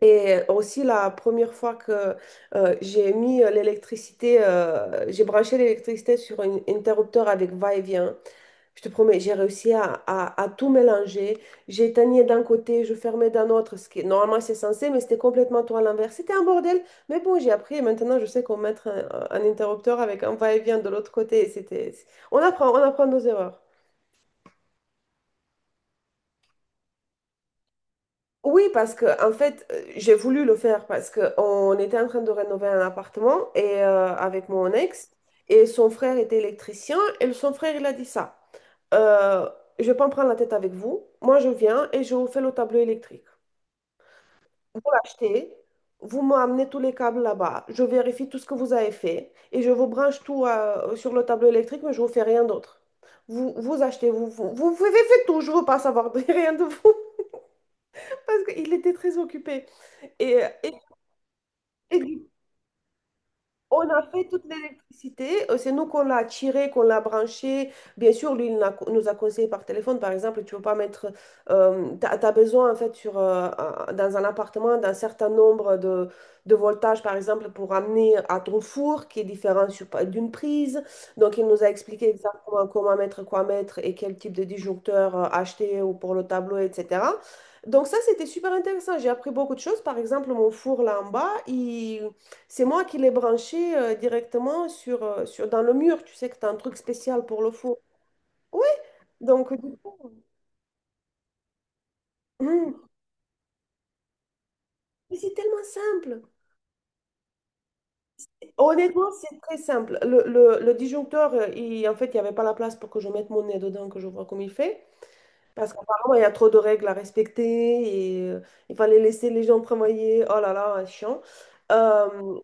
Et aussi la première fois que j'ai mis l'électricité, j'ai branché l'électricité sur un interrupteur avec va-et-vient. Je te promets, j'ai réussi à tout mélanger. J'éteignais d'un côté, je fermais d'un autre, ce qui normalement c'est censé, mais c'était complètement tout à l'inverse. C'était un bordel, mais bon, j'ai appris et maintenant je sais comment mettre un interrupteur avec un va-et-vient de l'autre côté. On apprend nos erreurs. Oui, parce que en fait, j'ai voulu le faire parce que on était en train de rénover un appartement et avec mon ex et son frère était électricien et son frère il a dit ça. Euh, je vais pas me prendre la tête avec vous. Moi, je viens et je vous fais le tableau électrique. Vous l'achetez, vous m'amenez tous les câbles là-bas. Je vérifie tout ce que vous avez fait et je vous branche tout sur le tableau électrique, mais je vous fais rien d'autre. Vous achetez, vous faites tout, je veux pas savoir de rien de vous parce qu'il était très occupé. Et, Et du- on a fait toute l'électricité, c'est nous qu'on l'a tirée, qu'on l'a branchée. Bien sûr, lui, il nous a conseillé par téléphone, par exemple, tu peux pas mettre, tu as, besoin en fait sur, dans un appartement d'un certain nombre de voltages, par exemple, pour amener à ton four qui est différent d'une prise. Donc, il nous a expliqué exactement comment mettre, quoi mettre et quel type de disjoncteur acheter ou pour le tableau, etc. Donc ça, c'était super intéressant. J'ai appris beaucoup de choses. Par exemple, mon four là en bas, c'est moi qui l'ai branché directement dans le mur. Tu sais que tu as un truc spécial pour le four. Oui, donc du coup, hum, mais c'est tellement simple. Honnêtement, c'est très simple. Le disjoncteur, en fait, il n'y avait pas la place pour que je mette mon nez dedans, que je vois comme il fait. Parce qu'apparemment, il y a trop de règles à respecter et il fallait laisser les gens travailler. Oh là là, chiant. Euh,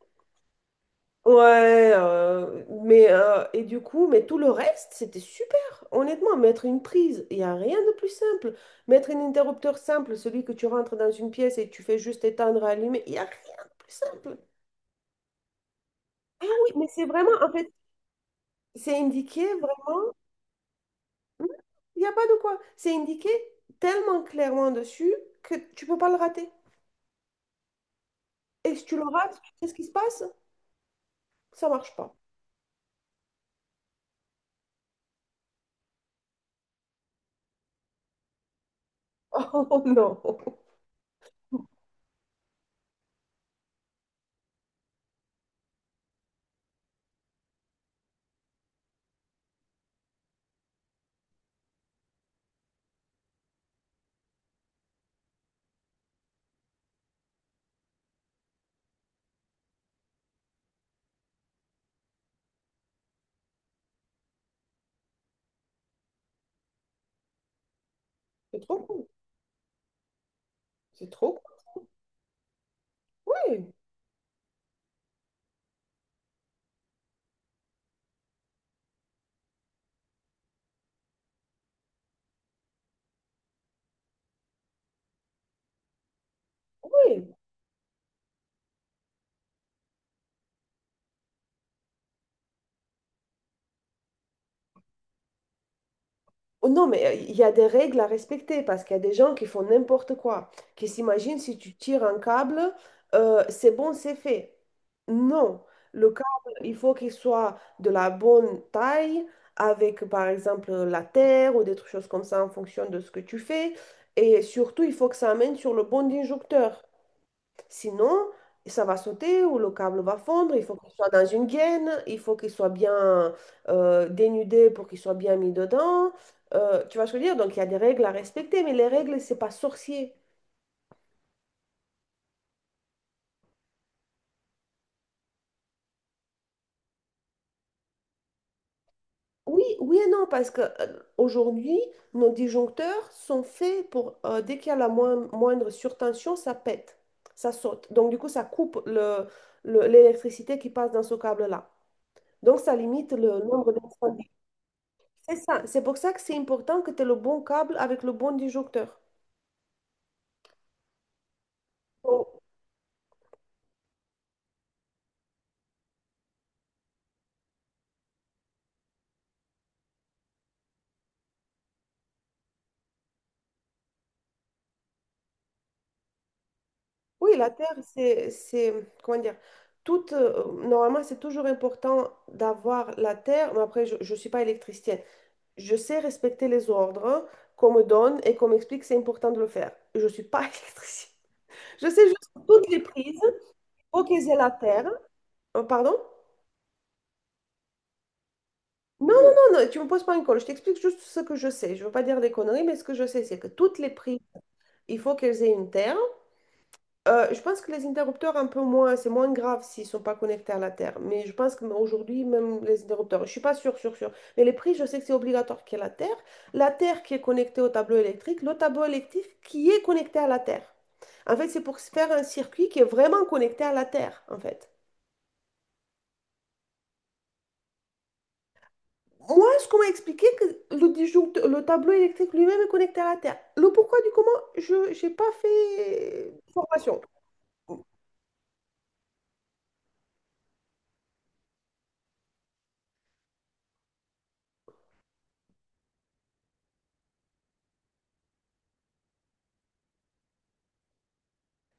Ouais, mais et du coup, mais tout le reste, c'était super. Honnêtement, mettre une prise, il n'y a rien de plus simple. Mettre un interrupteur simple, celui que tu rentres dans une pièce et tu fais juste éteindre, allumer, il n'y a rien de plus simple. Oui, mais c'est vraiment, en fait, c'est indiqué vraiment, hmm, il n'y a pas de quoi. C'est indiqué tellement clairement dessus que tu peux pas le rater. Et si tu le rates, tu sais ce qui se passe? Ça marche pas. Oh non, c'est trop cool. C'est trop cool. Oui, oui. Oh non, mais il y a des règles à respecter parce qu'il y a des gens qui font n'importe quoi, qui s'imaginent si tu tires un câble, c'est bon, c'est fait. Non, le câble, il faut qu'il soit de la bonne taille, avec par exemple la terre ou des choses comme ça en fonction de ce que tu fais. Et surtout, il faut que ça amène sur le bon injecteur. Sinon, ça va sauter ou le câble va fondre. Il faut qu'il soit dans une gaine, il faut qu'il soit bien dénudé pour qu'il soit bien mis dedans. Tu vois ce que je veux dire? Donc, il y a des règles à respecter, mais les règles, c'est pas sorcier. Oui, oui et non, parce que aujourd'hui, nos disjoncteurs sont faits pour, dès qu'il y a la moindre surtension, ça pète, ça saute. Donc, du coup, ça coupe l'électricité qui passe dans ce câble-là. Donc, ça limite le nombre d'incendies. C'est ça, c'est pour ça que c'est important que tu aies le bon câble avec le bon disjoncteur. Oh, oui, la Terre, comment dire, toute, normalement, c'est toujours important d'avoir la Terre, mais après, je ne suis pas électricienne. Je sais respecter les ordres qu'on me donne et qu'on m'explique, c'est important de le faire. Je ne suis pas électricienne. Je sais juste que toutes les prises, faut qu'elles aient la Terre. Pardon? Non, non, non, non, tu me poses pas une colle. Je t'explique juste ce que je sais. Je veux pas dire des conneries, mais ce que je sais, c'est que toutes les prises, il faut qu'elles aient une Terre. Je pense que les interrupteurs, un peu moins, c'est moins grave s'ils ne sont pas connectés à la Terre. Mais je pense qu'aujourd'hui, même les interrupteurs, je ne suis pas sûre, sûre, sûre. Mais les prix, je sais que c'est obligatoire qu'il y ait la Terre. La Terre qui est connectée au tableau électrique, le tableau électrique qui est connecté à la Terre. En fait, c'est pour se faire un circuit qui est vraiment connecté à la Terre, en fait. Moi, ce qu'on m'a expliqué, que le le tableau électrique lui-même est connecté à la Terre. Le pourquoi du comment, je n'ai pas fait formation. O-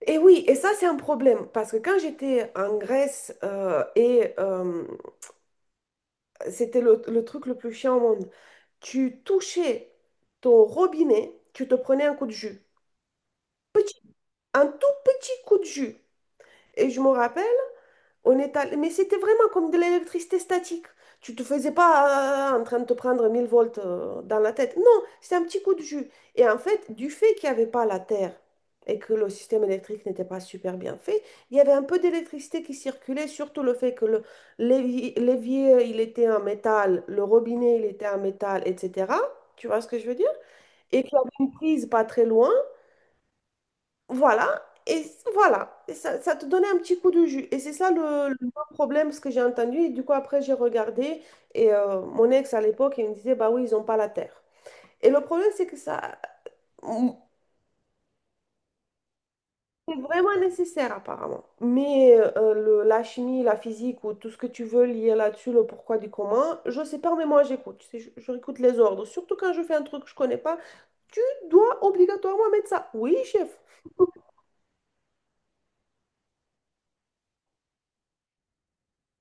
Et oui, et ça c'est un problème, parce que quand j'étais en Grèce, et c'était le truc le plus chiant au monde, tu touchais ton robinet, tu te prenais un coup de jus, un tout petit coup de jus. Et je me rappelle, mais c'était vraiment comme de l'électricité statique. Tu te faisais pas en train de te prendre 1 000 volts dans la tête. Non, c'était un petit coup de jus. Et en fait, du fait qu'il n'y avait pas la terre et que le système électrique n'était pas super bien fait, il y avait un peu d'électricité qui circulait, surtout le fait que l'évier, il était en métal, le robinet, il était en métal, etc. Tu vois ce que je veux dire? Et qu'il y avait une prise pas très loin. Voilà, et voilà, et ça te donnait un petit coup de jus. Et c'est ça le grand problème, ce que j'ai entendu. Et du coup, après, j'ai regardé, et mon ex à l'époque, il me disait, bah oui, ils n'ont pas la terre. Et le problème, c'est que ça, c'est vraiment nécessaire, apparemment. Mais la chimie, la physique, ou tout ce que tu veux lier là-dessus, le pourquoi du comment, je sais pas, mais moi, j'écoute. Tu sais, je réécoute les ordres. Surtout quand je fais un truc que je connais pas, tu dois obligatoirement mettre ça. Oui, chef.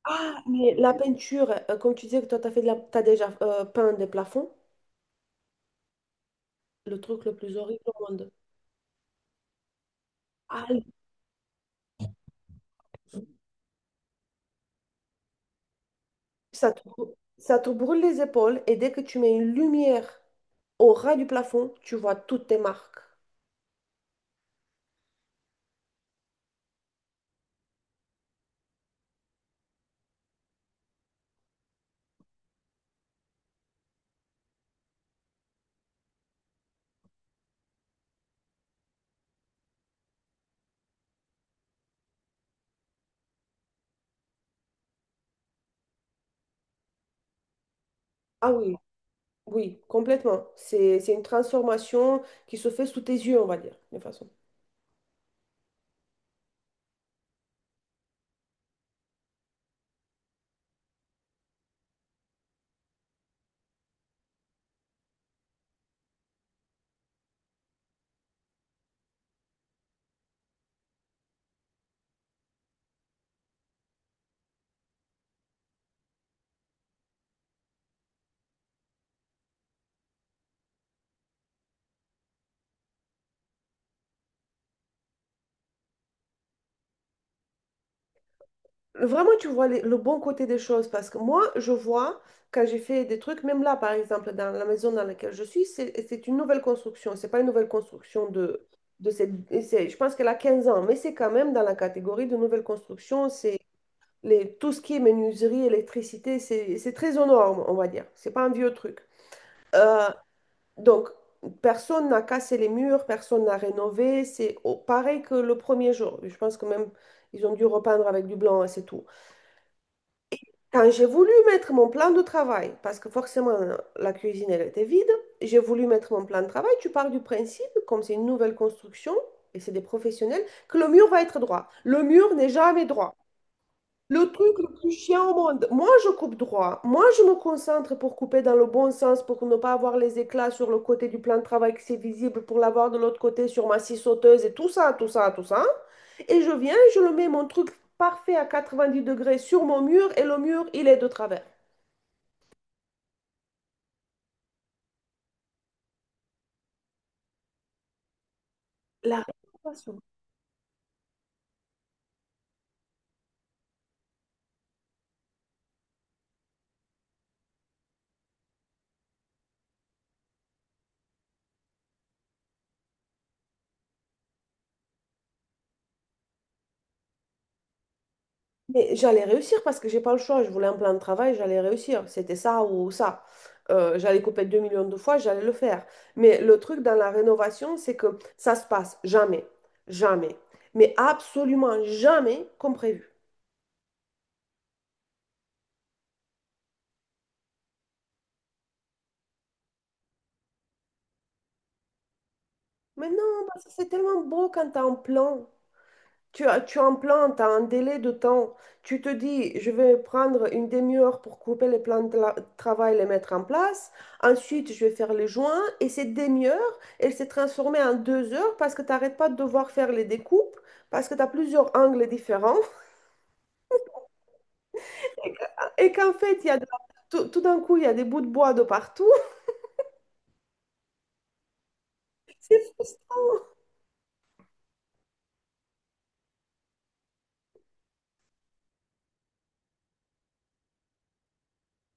Ah, mais la peinture, comme tu disais que toi, t'as fait de la... t'as déjà peint des plafonds, le truc le plus horrible au monde. Ah, ça te... ça te brûle les épaules et dès que tu mets une lumière au ras du plafond, tu vois toutes tes marques. Ah oui, oui, complètement. C'est une transformation qui se fait sous tes yeux, on va dire, de façon. Vraiment, tu vois le bon côté des choses parce que moi, je vois quand j'ai fait des trucs, même là, par exemple, dans la maison dans laquelle je suis, c'est une nouvelle construction. C'est pas une nouvelle construction de cette. Je pense qu'elle a 15 ans, mais c'est quand même dans la catégorie de nouvelle construction. C'est tout ce qui est menuiserie, électricité, c'est très aux normes, on va dire. C'est pas un vieux truc. Euh, donc, personne n'a cassé les murs, personne n'a rénové. C'est pareil que le premier jour. Je pense que même, ils ont dû repeindre avec du blanc et c'est tout. Quand j'ai voulu mettre mon plan de travail, parce que forcément la cuisine elle était vide, j'ai voulu mettre mon plan de travail. Tu pars du principe, comme c'est une nouvelle construction et c'est des professionnels, que le mur va être droit. Le mur n'est jamais droit. Le truc le plus chiant au monde, moi je coupe droit, moi je me concentre pour couper dans le bon sens, pour ne pas avoir les éclats sur le côté du plan de travail que c'est visible, pour l'avoir de l'autre côté sur ma scie sauteuse et tout ça, tout ça, tout ça. Et je viens, je le mets mon truc parfait à 90 degrés sur mon mur et le mur il est de travers. La rénovation. Mais j'allais réussir parce que j'ai pas le choix. Je voulais un plan de travail, j'allais réussir. C'était ça ou ça. J'allais couper 2 millions de fois, j'allais le faire. Mais le truc dans la rénovation, c'est que ça se passe jamais, jamais, mais absolument jamais comme prévu. Mais non, parce que c'est tellement beau quand t'as un plan. Tu implantes à un délai de temps. Tu te dis, je vais prendre une demi-heure pour couper les plans de travail, les mettre en place. Ensuite, je vais faire les joints. Et cette demi-heure, elle s'est transformée en 2 heures parce que tu n'arrêtes pas de devoir faire les découpes, parce que tu as plusieurs angles différents. Et qu'en fait, il y a tout, tout d'un coup, il y a des bouts de bois de partout. C'est frustrant.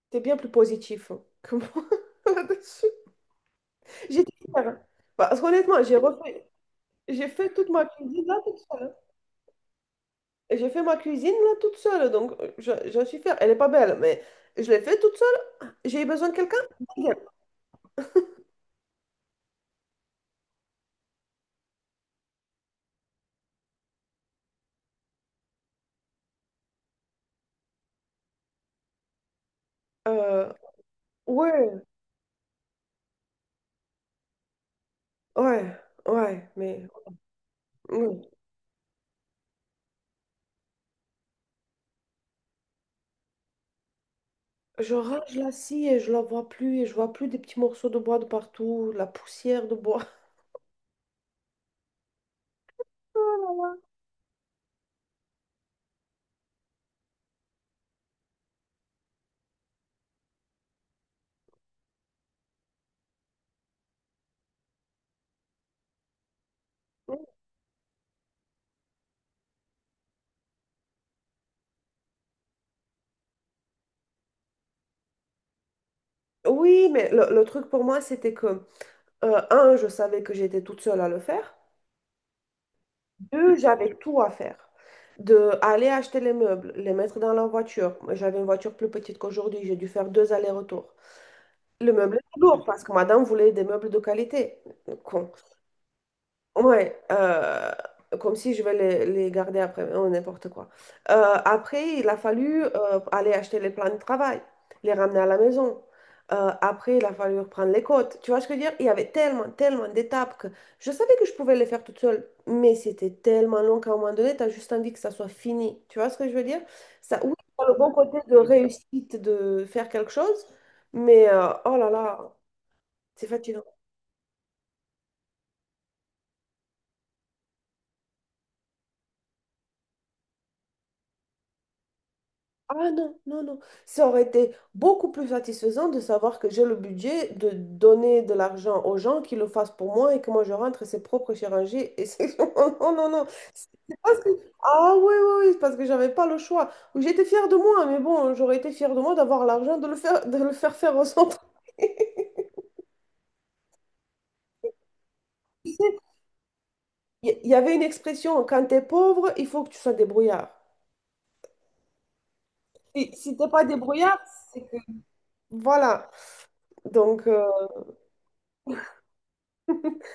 T'es bien plus positif que moi là-dessus. J'étais fière. Parce qu'honnêtement, j'ai fait toute ma cuisine là toute seule. Et j'ai fait ma cuisine là toute seule, donc je suis fière. Elle est pas belle, mais je l'ai fait toute seule. J'ai eu besoin de quelqu'un? Nickel. Euh, ouais, ouais, ouais, mais ouais. Je range la scie et je la vois plus et je vois plus des petits morceaux de bois de partout, la poussière de bois. Oui, mais le truc pour moi, c'était que, un, je savais que j'étais toute seule à le faire. Deux, j'avais tout à faire. De aller acheter les meubles, les mettre dans la voiture. Moi, j'avais une voiture plus petite qu'aujourd'hui, j'ai dû faire 2 allers-retours. Le meuble est lourd parce que madame voulait des meubles de qualité. Con. Ouais, comme si je vais les garder après, oh, n'importe quoi. Après, il a fallu aller acheter les plans de travail, les ramener à la maison. Après, il a fallu reprendre les côtes. Tu vois ce que je veux dire? Il y avait tellement, tellement d'étapes que je savais que je pouvais les faire toute seule, mais c'était tellement long qu'à un moment donné, tu as juste envie que ça soit fini. Tu vois ce que je veux dire? Ça, oui, t'as le bon côté de réussite de faire quelque chose, mais oh là là. C'est fatigant. Ah non, non, non. Ça aurait été beaucoup plus satisfaisant de savoir que j'ai le budget de donner de l'argent aux gens qui le fassent pour moi et que moi je rentre ses propres chirurgies. Et c'est... Oh non, non, non. C'est parce que... Ah oui, oui, oui, c'est parce que j'avais pas le choix. Oui, j'étais fière de moi, mais bon, j'aurais été fière de moi d'avoir l'argent de le faire faire au centre. Tu sais, Il y avait une expression, quand t'es pauvre, il faut que tu sois débrouillard. Si t'es pas débrouillard, c'est que... Voilà. Donc... euh,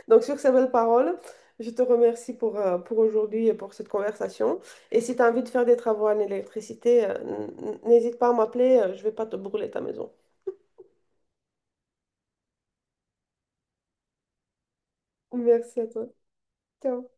Donc, sur ces belles paroles, je te remercie pour aujourd'hui et pour cette conversation. Et si tu as envie de faire des travaux en électricité, n'hésite pas à m'appeler, je vais pas te brûler ta maison. Merci à toi. Ciao.